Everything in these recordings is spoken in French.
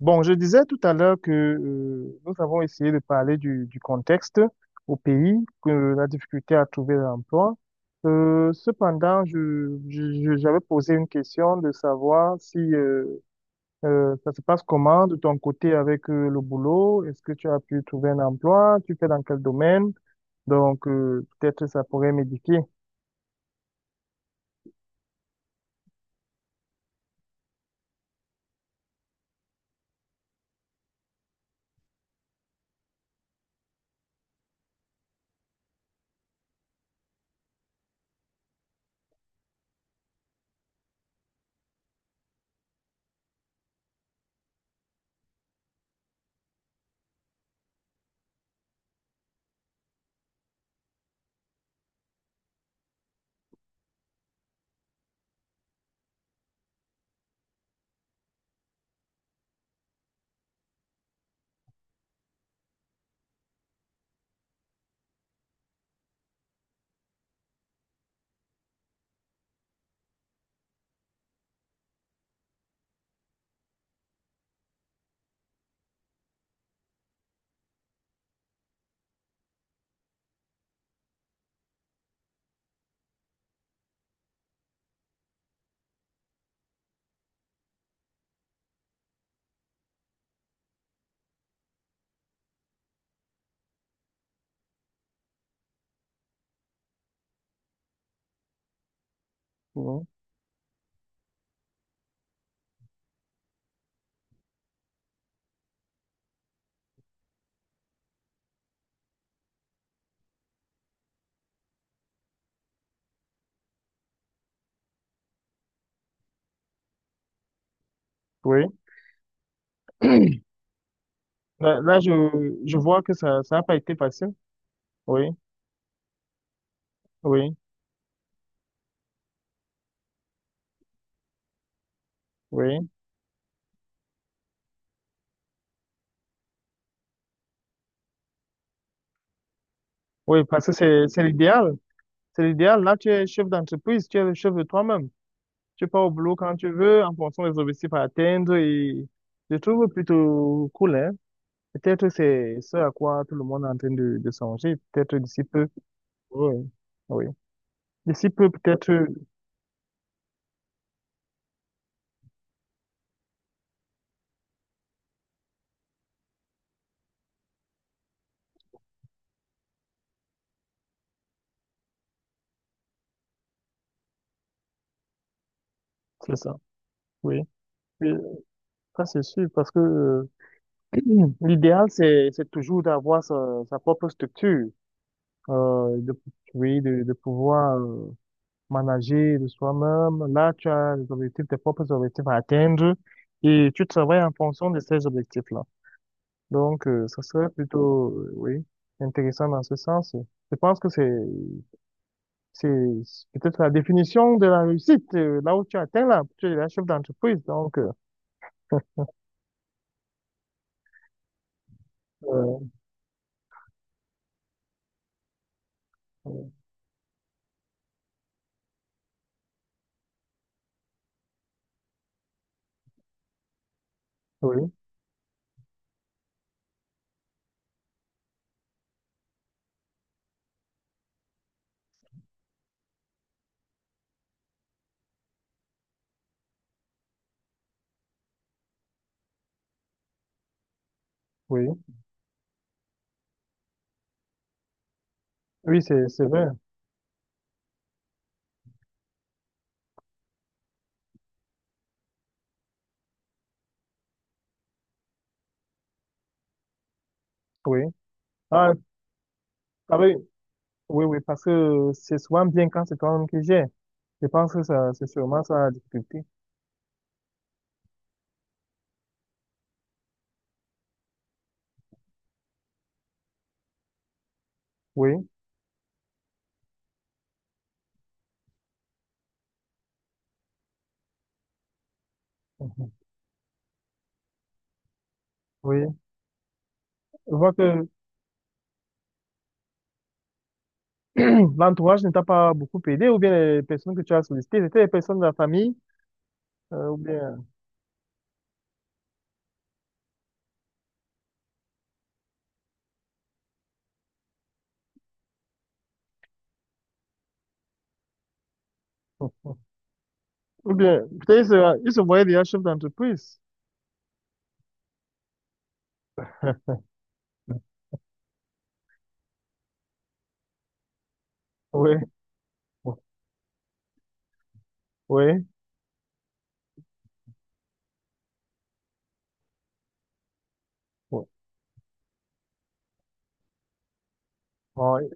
Bon, je disais tout à l'heure que nous avons essayé de parler du contexte au pays, que la difficulté à trouver l'emploi. Cependant, j'avais posé une question de savoir si ça se passe comment de ton côté avec le boulot. Est-ce que tu as pu trouver un emploi? Tu fais dans quel domaine? Donc, peut-être ça pourrait m'éduquer. Oui. Oui. Là, là, je, je vois que ça n'a pas été facile. Oui, oui, oui. Oui, parce que c'est l'idéal. C'est l'idéal. Là, tu es chef d'entreprise, tu es le chef de toi-même. Tu pars au boulot quand tu veux, en fonction des objectifs à atteindre et je trouve plutôt cool, hein. Peut-être c'est ce à quoi tout le monde est en train de songer, peut-être d'ici peu. Oui, oui. D'ici peu, peut-être, c'est ça. Oui. Oui, ça c'est sûr, parce que l'idéal, c'est toujours d'avoir sa, sa propre structure, euh, de, oui, de pouvoir manager de soi-même. Là, tu as les objectifs, tes propres objectifs à atteindre et tu travailles en fonction de ces objectifs-là. Donc, ça serait plutôt, oui, intéressant dans ce sens. Je pense que c'est peut-être la définition de la réussite, là où tu atteins là, tu es la chef d'entreprise. Donc, euh, euh, oui, oui, oui, c'est vrai, oui. Ah, ah oui, oui, oui, parce que c'est souvent bien quand c'est toi-même qui gères. Je pense que ça, c'est sûrement ça la difficulté. Oui, mhm, oui. Je vois que l'entourage ne t'a pas beaucoup aidé, ou bien les personnes que tu as sollicitées, c'était les personnes de la famille, ou bien. Ou bien, peut-être il sera, il se voyait déjà chef d'entreprise. Oui, oui, oui. Bon,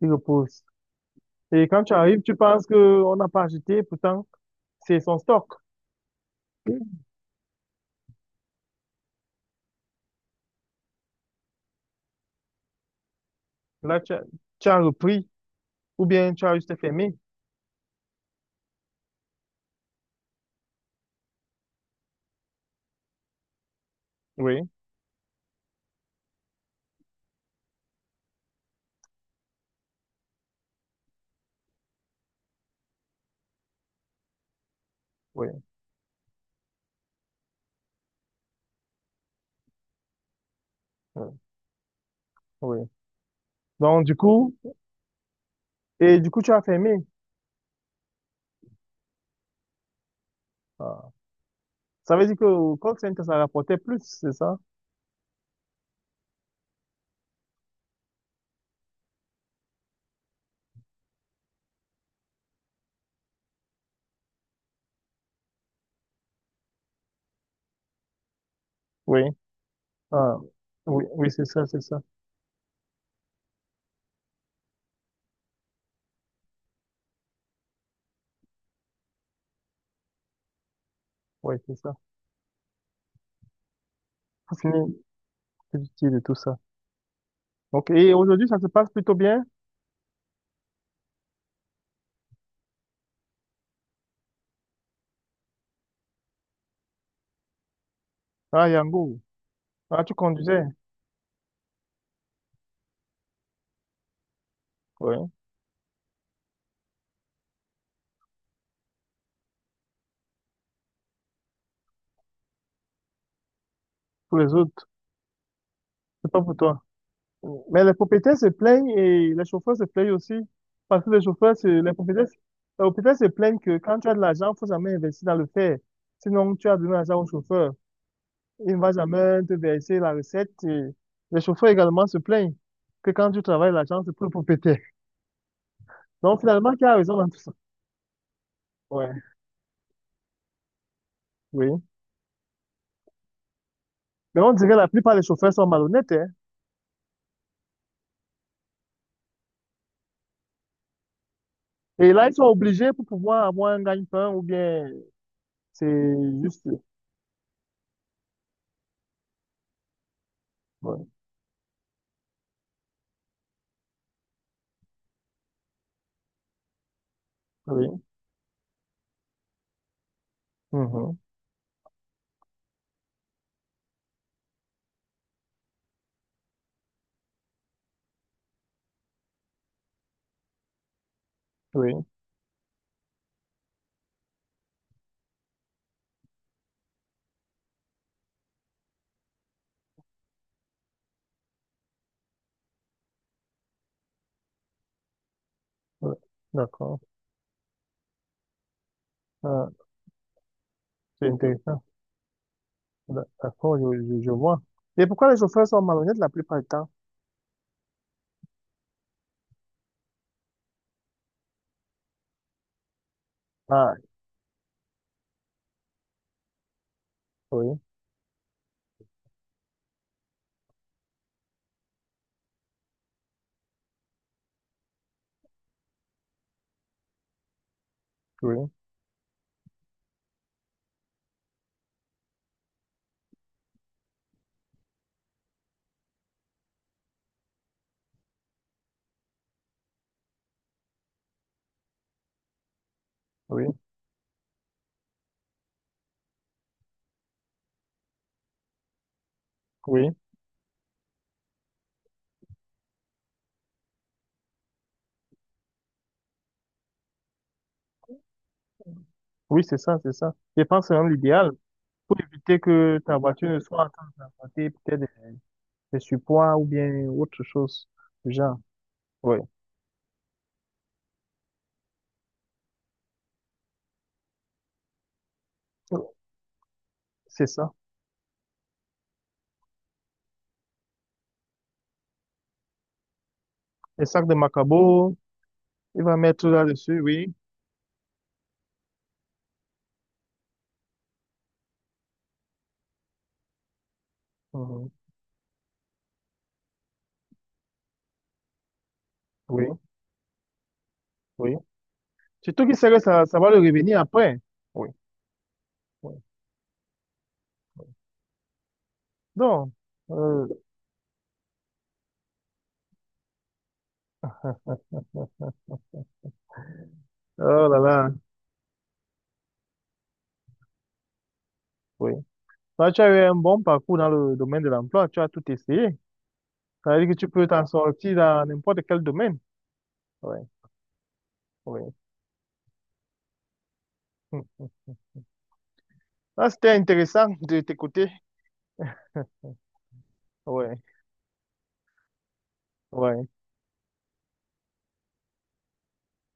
il repousse. Et quand tu arrives, tu penses qu'on n'a pas acheté, pourtant, c'est son stock. Là, tu as repris, ou bien tu as juste fermé. Oui, oui, oui. Oui. Donc, du coup, et du coup, tu as fermé. Ah. Ça veut dire que au call center, ça rapportait plus, c'est ça? Oui. Ah. Oui, oui, c'est ça, c'est ça. Oui, c'est ça. Pour c'est utile de tout ça. Ok, et aujourd'hui, ça se passe plutôt bien? Ah, Yango. Ah, tu conduisais. Oui. Pour les autres. C'est pas pour toi. Mais les propriétaires se plaignent et les chauffeurs se plaignent aussi. Parce que les chauffeurs, se- les propriétaires se plaignent que quand tu as de l'argent, il faut jamais investir dans le fer. Sinon, tu as donné l'argent au chauffeur. Il ne va jamais te verser la recette. Et les chauffeurs également se plaignent que quand tu travailles, l'argent, c'est pour le propriétaire. Donc, finalement, qui a raison dans tout ça? Ouais, oui. Mais on dirait que la plupart des chauffeurs sont malhonnêtes, hein. Et là, ils sont obligés pour pouvoir avoir un gagne-pain ou bien c'est juste. Ouais, oui, mhm, oui, ouais, d'accord. Ah, c'est intéressant. D'accord, je vois. Et pourquoi les chauffeurs sont malhonnêtes la plupart du temps? Ah, oui, oui, oui, oui, oui, c'est ça, c'est ça. Je pense que c'est même l'idéal pour éviter que ta voiture ne soit en train de transporter peut-être des surpoids ou bien autre chose du genre. Oui, c'est ça. Les sacs de Macabo, il va mettre là-dessus, oui, mhm, oui, oui. Surtout qu'il sait que ça va le revenir après. Oui, oui. Donc, euh, oh là là, oui. Toi, tu as eu un bon parcours dans le domaine de l'emploi, tu as tout essayé. Ça veut dire que tu peux t'en sortir dans n'importe quel domaine. Oui, oui. Hmm. Ah, c'était intéressant de t'écouter. Oui, oui.